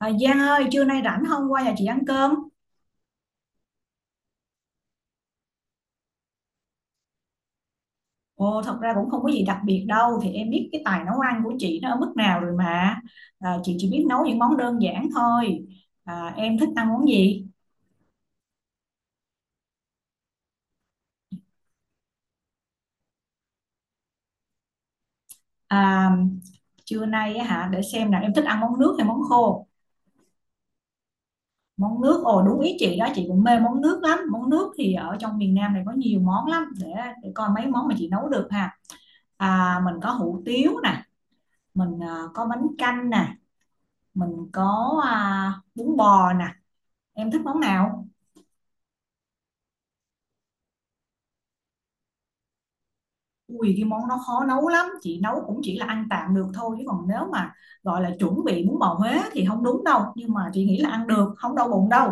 Giang ơi, trưa nay rảnh không qua nhà chị ăn cơm? Thật ra cũng không có gì đặc biệt đâu, thì em biết cái tài nấu ăn của chị nó ở mức nào rồi mà. Chị chỉ biết nấu những món đơn giản thôi. Em thích ăn món gì? À, Trưa nay á hả, để xem nào, em thích ăn món nước hay món khô? Món nước, ồ đúng ý chị đó, chị cũng mê món nước lắm. Món nước thì ở trong miền Nam này có nhiều món lắm, để coi mấy món mà chị nấu được ha. Mình có hủ tiếu nè, mình có bánh canh nè, mình có bún bò nè. Em thích món nào? Ui cái món đó khó nấu lắm, chị nấu cũng chỉ là ăn tạm được thôi chứ còn nếu mà gọi là chuẩn bị bún bò Huế thì không đúng đâu, nhưng mà chị nghĩ là ăn được, không đau bụng đâu.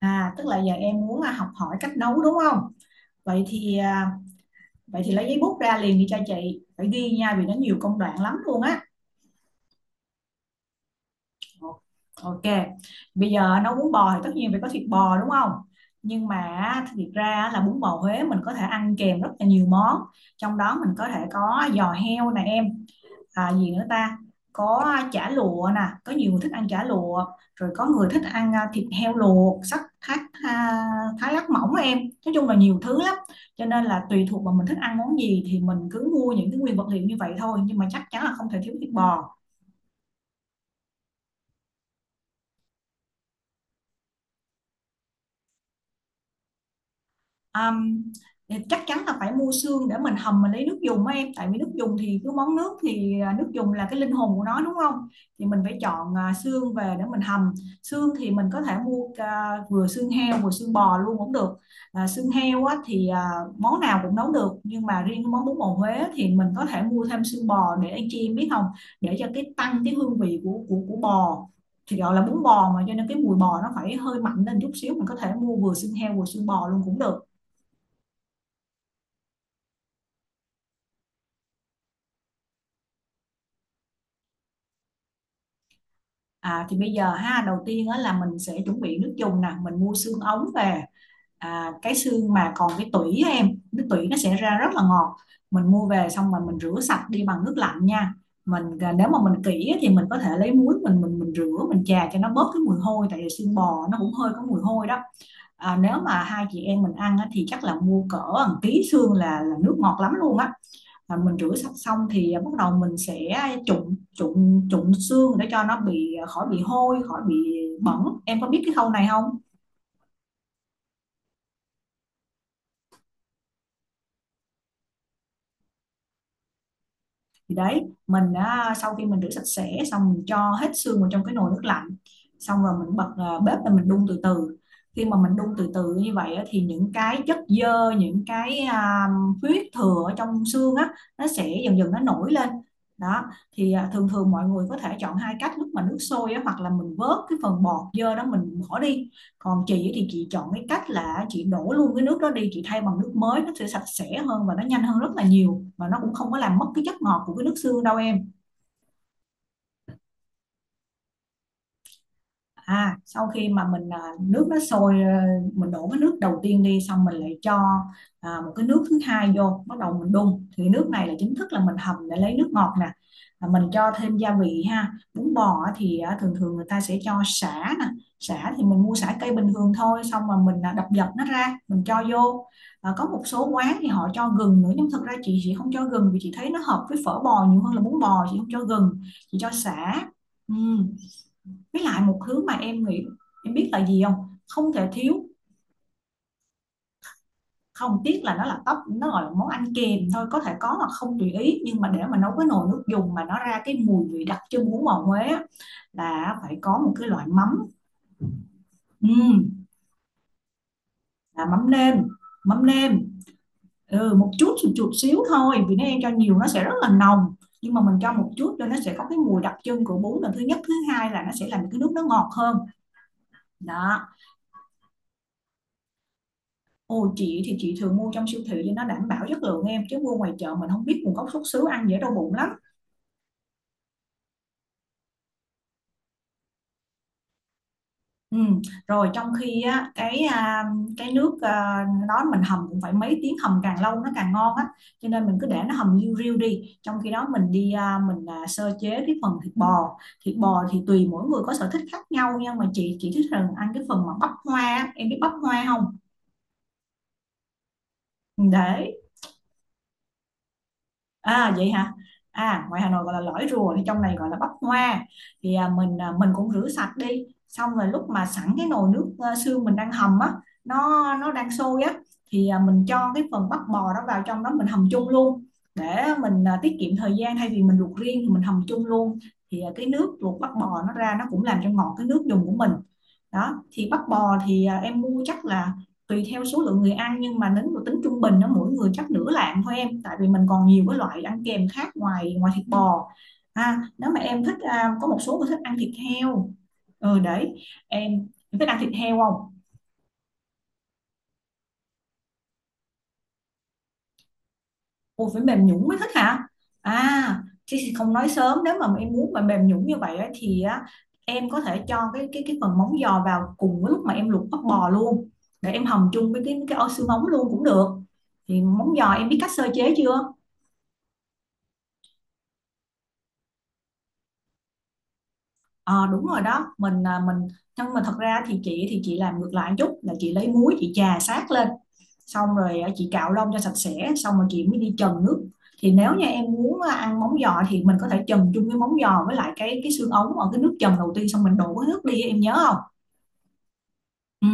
À tức là giờ em muốn học hỏi cách nấu đúng không? Vậy thì à, vậy thì lấy giấy bút ra liền đi cho chị, phải ghi nha vì nó nhiều công đoạn lắm luôn á. Ok. Bây giờ nấu bún bò thì tất nhiên phải có thịt bò đúng không? Nhưng mà thiệt ra là bún bò Huế mình có thể ăn kèm rất là nhiều món. Trong đó mình có thể có giò heo nè em, à, gì nữa ta có chả lụa nè, có nhiều người thích ăn chả lụa, rồi có người thích ăn thịt heo luộc sắc thái, à, thái lát mỏng á em. Nói chung là nhiều thứ lắm, cho nên là tùy thuộc vào mình thích ăn món gì thì mình cứ mua những cái nguyên vật liệu như vậy thôi, nhưng mà chắc chắn là không thể thiếu thịt bò. Ừm, chắc chắn là phải mua xương để mình hầm, mình lấy nước dùng á em, tại vì nước dùng thì cứ món nước thì nước dùng là cái linh hồn của nó đúng không. Thì mình phải chọn xương về để mình hầm. Xương thì mình có thể mua vừa xương heo vừa xương bò luôn cũng được. Xương heo á, món nào cũng nấu được, nhưng mà riêng cái món bún bò Huế thì mình có thể mua thêm xương bò, để anh chị em biết không, để cho cái tăng cái hương vị của bò. Thì gọi là bún bò mà cho nên cái mùi bò nó phải hơi mạnh lên chút xíu, mình có thể mua vừa xương heo vừa xương bò luôn cũng được. Thì bây giờ ha, đầu tiên á, là mình sẽ chuẩn bị nước dùng nè, mình mua xương ống về, cái xương mà còn cái tủy á em, cái tủy nó sẽ ra rất là ngọt. Mình mua về xong rồi mình rửa sạch đi bằng nước lạnh nha. Mình nếu mà mình kỹ á, thì mình có thể lấy muối mình rửa, mình chà cho nó bớt cái mùi hôi, tại vì xương bò nó cũng hơi có mùi hôi đó. Nếu mà hai chị em mình ăn á, thì chắc là mua cỡ một ký xương là nước ngọt lắm luôn á. Mình rửa sạch xong thì bắt đầu mình sẽ trụng trụng trụng xương để cho nó bị khỏi bị hôi, khỏi bị bẩn. Em có biết cái khâu này không? Thì đấy, mình đã sau khi mình rửa sạch sẽ xong, mình cho hết xương vào trong cái nồi nước lạnh, xong rồi mình bật bếp lên mình đun từ từ. Khi mà mình đun từ từ như vậy á, thì những cái chất xơ, những cái huyết thừa ở trong xương á, nó sẽ dần dần nó nổi lên đó. Thường thường mọi người có thể chọn hai cách, lúc mà nước sôi á, hoặc là mình vớt cái phần bọt dơ đó mình bỏ đi, còn chị thì chị chọn cái cách là chị đổ luôn cái nước đó đi, chị thay bằng nước mới, nó sẽ sạch sẽ hơn và nó nhanh hơn rất là nhiều, mà nó cũng không có làm mất cái chất ngọt của cái nước xương đâu em. Sau khi mà mình nước nó sôi, mình đổ cái nước đầu tiên đi, xong mình lại cho một cái nước thứ hai vô, bắt đầu mình đun, thì nước này là chính thức là mình hầm để lấy nước ngọt nè. Mình cho thêm gia vị ha, bún bò á thì thường thường người ta sẽ cho sả nè. Sả thì mình mua sả cây bình thường thôi, xong mà mình đập dập nó ra mình cho vô. Có một số quán thì họ cho gừng nữa, nhưng thực ra chị không cho gừng, vì chị thấy nó hợp với phở bò nhiều hơn là bún bò, chị không cho gừng, chị cho sả. Ừ, với lại một thứ mà em nghĩ, em biết là gì không, không thể thiếu. Không, tiếc là nó là tóc, nó gọi là món ăn kèm thôi, có thể có hoặc không tùy ý, nhưng mà để mà nấu cái nồi nước dùng mà nó ra cái mùi vị đặc trưng của mò Huế á, là phải có một cái loại mắm. Ừm, là mắm nêm. Mắm nêm, ừ, một chút xíu thôi, vì nếu em cho nhiều nó sẽ rất là nồng, nhưng mà mình cho một chút cho nó sẽ có cái mùi đặc trưng của bún, lần thứ nhất. Thứ hai là nó sẽ làm cái nước nó ngọt hơn đó. Ồ, chị thì chị thường mua trong siêu thị cho nó đảm bảo chất lượng em, chứ mua ngoài chợ mình không biết nguồn gốc xuất xứ, ăn dễ đau bụng lắm. Ừ. Rồi trong khi á, cái nước đó mình hầm cũng phải mấy tiếng, hầm càng lâu nó càng ngon á, cho nên mình cứ để nó hầm liu riu đi, trong khi đó mình đi sơ chế cái phần thịt bò. Thịt bò thì tùy mỗi người có sở thích khác nhau, nhưng mà chị thích rằng ăn cái phần mà bắp hoa á. Em biết bắp hoa không? để À vậy hả? À, ngoài Hà Nội gọi là lõi rùa thì trong này gọi là bắp hoa. Thì mình cũng rửa sạch đi. Xong rồi lúc mà sẵn cái nồi nước xương mình đang hầm á, nó đang sôi á, thì mình cho cái phần bắp bò đó vào trong đó mình hầm chung luôn, để mình tiết kiệm thời gian, thay vì mình luộc riêng thì mình hầm chung luôn. Thì cái nước luộc bắp bò nó ra nó cũng làm cho ngọt cái nước dùng của mình. Đó, thì bắp bò thì em mua chắc là tùy theo số lượng người ăn, nhưng mà nếu mà tính trung bình nó mỗi người chắc nửa lạng thôi em, tại vì mình còn nhiều cái loại ăn kèm khác ngoài ngoài thịt bò ha. Nếu mà em thích có một số người thích ăn thịt heo. Ừ đấy, em, em thích ăn thịt heo không? Ôi, phải mềm nhũn mới thích hả? À chứ không nói sớm, nếu mà em muốn mà mềm nhũn như vậy á, thì á, em có thể cho cái phần móng giò vào cùng với lúc mà em luộc bắp bò luôn, để em hầm chung với cái ô xương móng luôn cũng được. Thì móng giò em biết cách sơ chế chưa? Ờ đúng rồi đó, mình nhưng mà thật ra thì chị làm ngược lại một chút, là chị lấy muối chị chà sát lên, xong rồi chị cạo lông cho sạch sẽ, xong rồi chị mới đi trần nước. Thì nếu như em muốn ăn móng giò thì mình có thể trần chung với móng giò với lại cái xương ống ở cái nước trần đầu tiên, xong mình đổ cái nước đi, em nhớ không? Ừ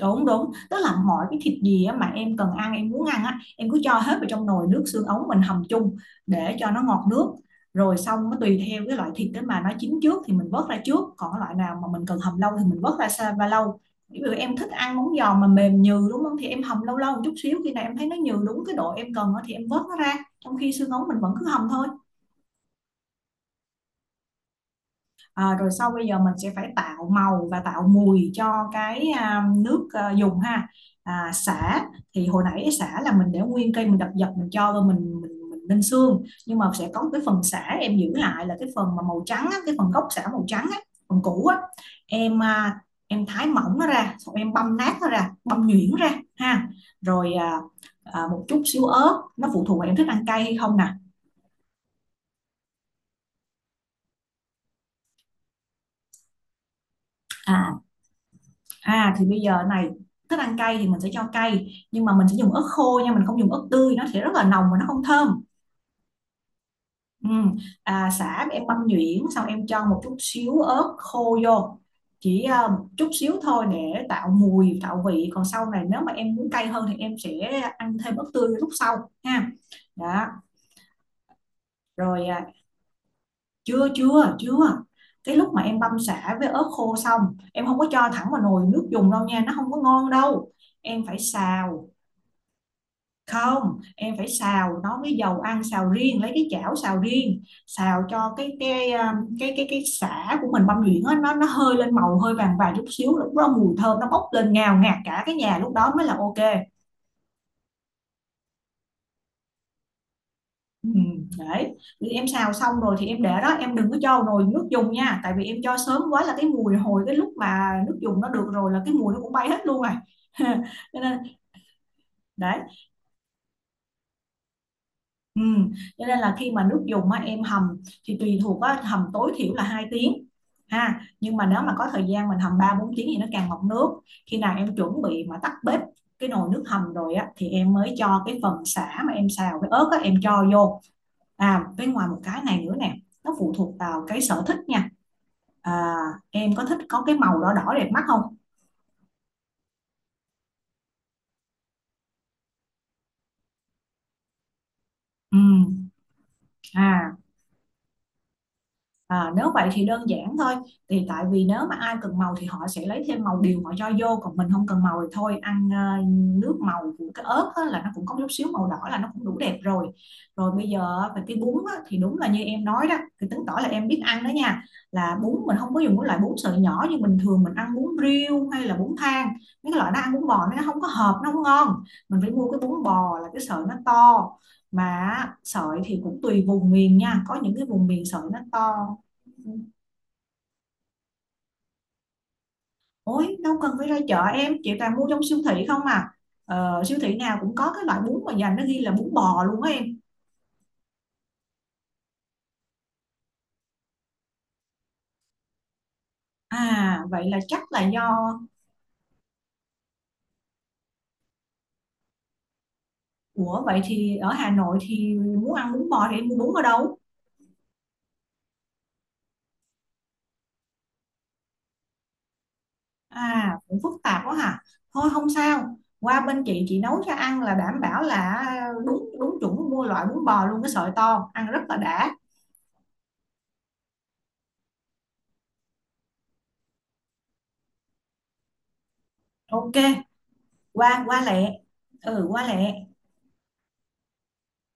đúng, tức là mọi cái thịt gì á mà em cần ăn, em muốn ăn á, em cứ cho hết vào trong nồi nước xương ống mình hầm chung để cho nó ngọt nước. Rồi xong nó tùy theo cái loại thịt đó, mà nó chín trước thì mình vớt ra trước, còn cái loại nào mà mình cần hầm lâu thì mình vớt ra xa và lâu. Ví dụ em thích ăn món giòn mà mềm nhừ đúng không, thì em hầm lâu lâu một chút xíu, khi nào em thấy Nó nhừ đúng cái độ em cần á thì em vớt nó ra, trong khi xương ống mình vẫn cứ hầm thôi. Ờ, rồi sau bây giờ mình sẽ phải tạo màu và tạo mùi cho cái nước à, dùng ha. À, sả thì hồi nãy sả là mình để nguyên cây, mình đập dập, mình cho rồi mình ninh xương. Nhưng mà sẽ có một cái phần sả em giữ lại, là cái phần mà màu trắng á, cái phần gốc sả màu trắng á, phần cũ á. Em à, em thái mỏng nó ra, xong em băm nát nó ra, băm nhuyễn ra, ha. Rồi à, à, một chút xíu ớt, nó phụ thuộc vào em thích ăn cay hay không nè. À, à thì bây giờ này, thích ăn cay thì mình sẽ cho cay, nhưng mà mình sẽ dùng ớt khô nha, mình không dùng ớt tươi, nó sẽ rất là nồng và nó không thơm. Ừ. À, sả em băm nhuyễn xong em cho một chút xíu ớt khô vô, chỉ à, một chút xíu thôi để tạo mùi tạo vị, còn sau này nếu mà em muốn cay hơn thì em sẽ ăn thêm ớt tươi lúc sau ha. Đó, rồi à, chưa chưa chưa. Cái lúc mà em băm sả với ớt khô xong, em không có cho thẳng vào nồi nước dùng đâu nha, nó không có ngon đâu. Em phải xào. Không, em phải xào nó với dầu ăn, xào riêng, lấy cái chảo xào riêng, xào cho cái cái sả của mình băm nhuyễn á, nó hơi lên màu, hơi vàng vàng chút xíu, lúc đó mùi thơm nó bốc lên ngào ngạt cả cái nhà, lúc đó mới là ok. Ừ, đấy. Thì em xào xong rồi thì em để đó, em đừng có cho vào nồi nước dùng nha, tại vì em cho sớm quá là cái mùi hồi cái lúc mà nước dùng nó được rồi là cái mùi nó cũng bay hết luôn rồi. Cho nên đấy. Ừ. Cho nên là khi mà nước dùng á, em hầm thì tùy thuộc á, hầm tối thiểu là 2 tiếng ha, nhưng mà nếu mà có thời gian mình hầm 3 4 tiếng thì nó càng mọng nước. Khi nào em chuẩn bị mà tắt bếp cái nồi nước hầm rồi á, thì em mới cho cái phần sả mà em xào với ớt á, em cho vô. À với ngoài một cái này nữa nè, nó phụ thuộc vào cái sở thích nha. À, em có thích có cái màu đỏ đỏ đẹp mắt không? Ừ. À. À, nếu vậy thì đơn giản thôi. Thì tại vì nếu mà ai cần màu thì họ sẽ lấy thêm màu điều họ cho vô, còn mình không cần màu thì thôi, ăn ờ, nước màu của cái ớt á, là nó cũng có chút xíu màu đỏ là nó cũng đủ đẹp rồi. Rồi bây giờ về cái bún á, thì đúng là như em nói đó, thì chứng tỏ là em biết ăn đó nha. Là bún mình không có dùng cái loại bún sợi nhỏ như bình thường mình ăn bún riêu hay là bún thang, mấy cái loại nó ăn bún bò nó không có hợp, nó không ngon. Mình phải mua cái bún bò là cái sợi nó to, mà sợi thì cũng tùy vùng miền nha, có những cái vùng miền sợi nó to. Ôi, đâu cần phải ra chợ em, chị toàn mua trong siêu thị không à. Ờ, siêu thị nào cũng có cái loại bún mà dành nó ghi là bún bò luôn á em. À, vậy là chắc là do... Ủa, vậy thì ở Hà Nội thì muốn ăn bún bò thì em mua bún ở đâu? À, cũng phức tạp quá hả? Thôi không sao, qua bên chị nấu cho ăn là đảm bảo là đúng đúng chuẩn, mua loại bún bò luôn cái sợi to, ăn rất là đã. Ok, qua qua lẹ. Ừ, qua lẹ.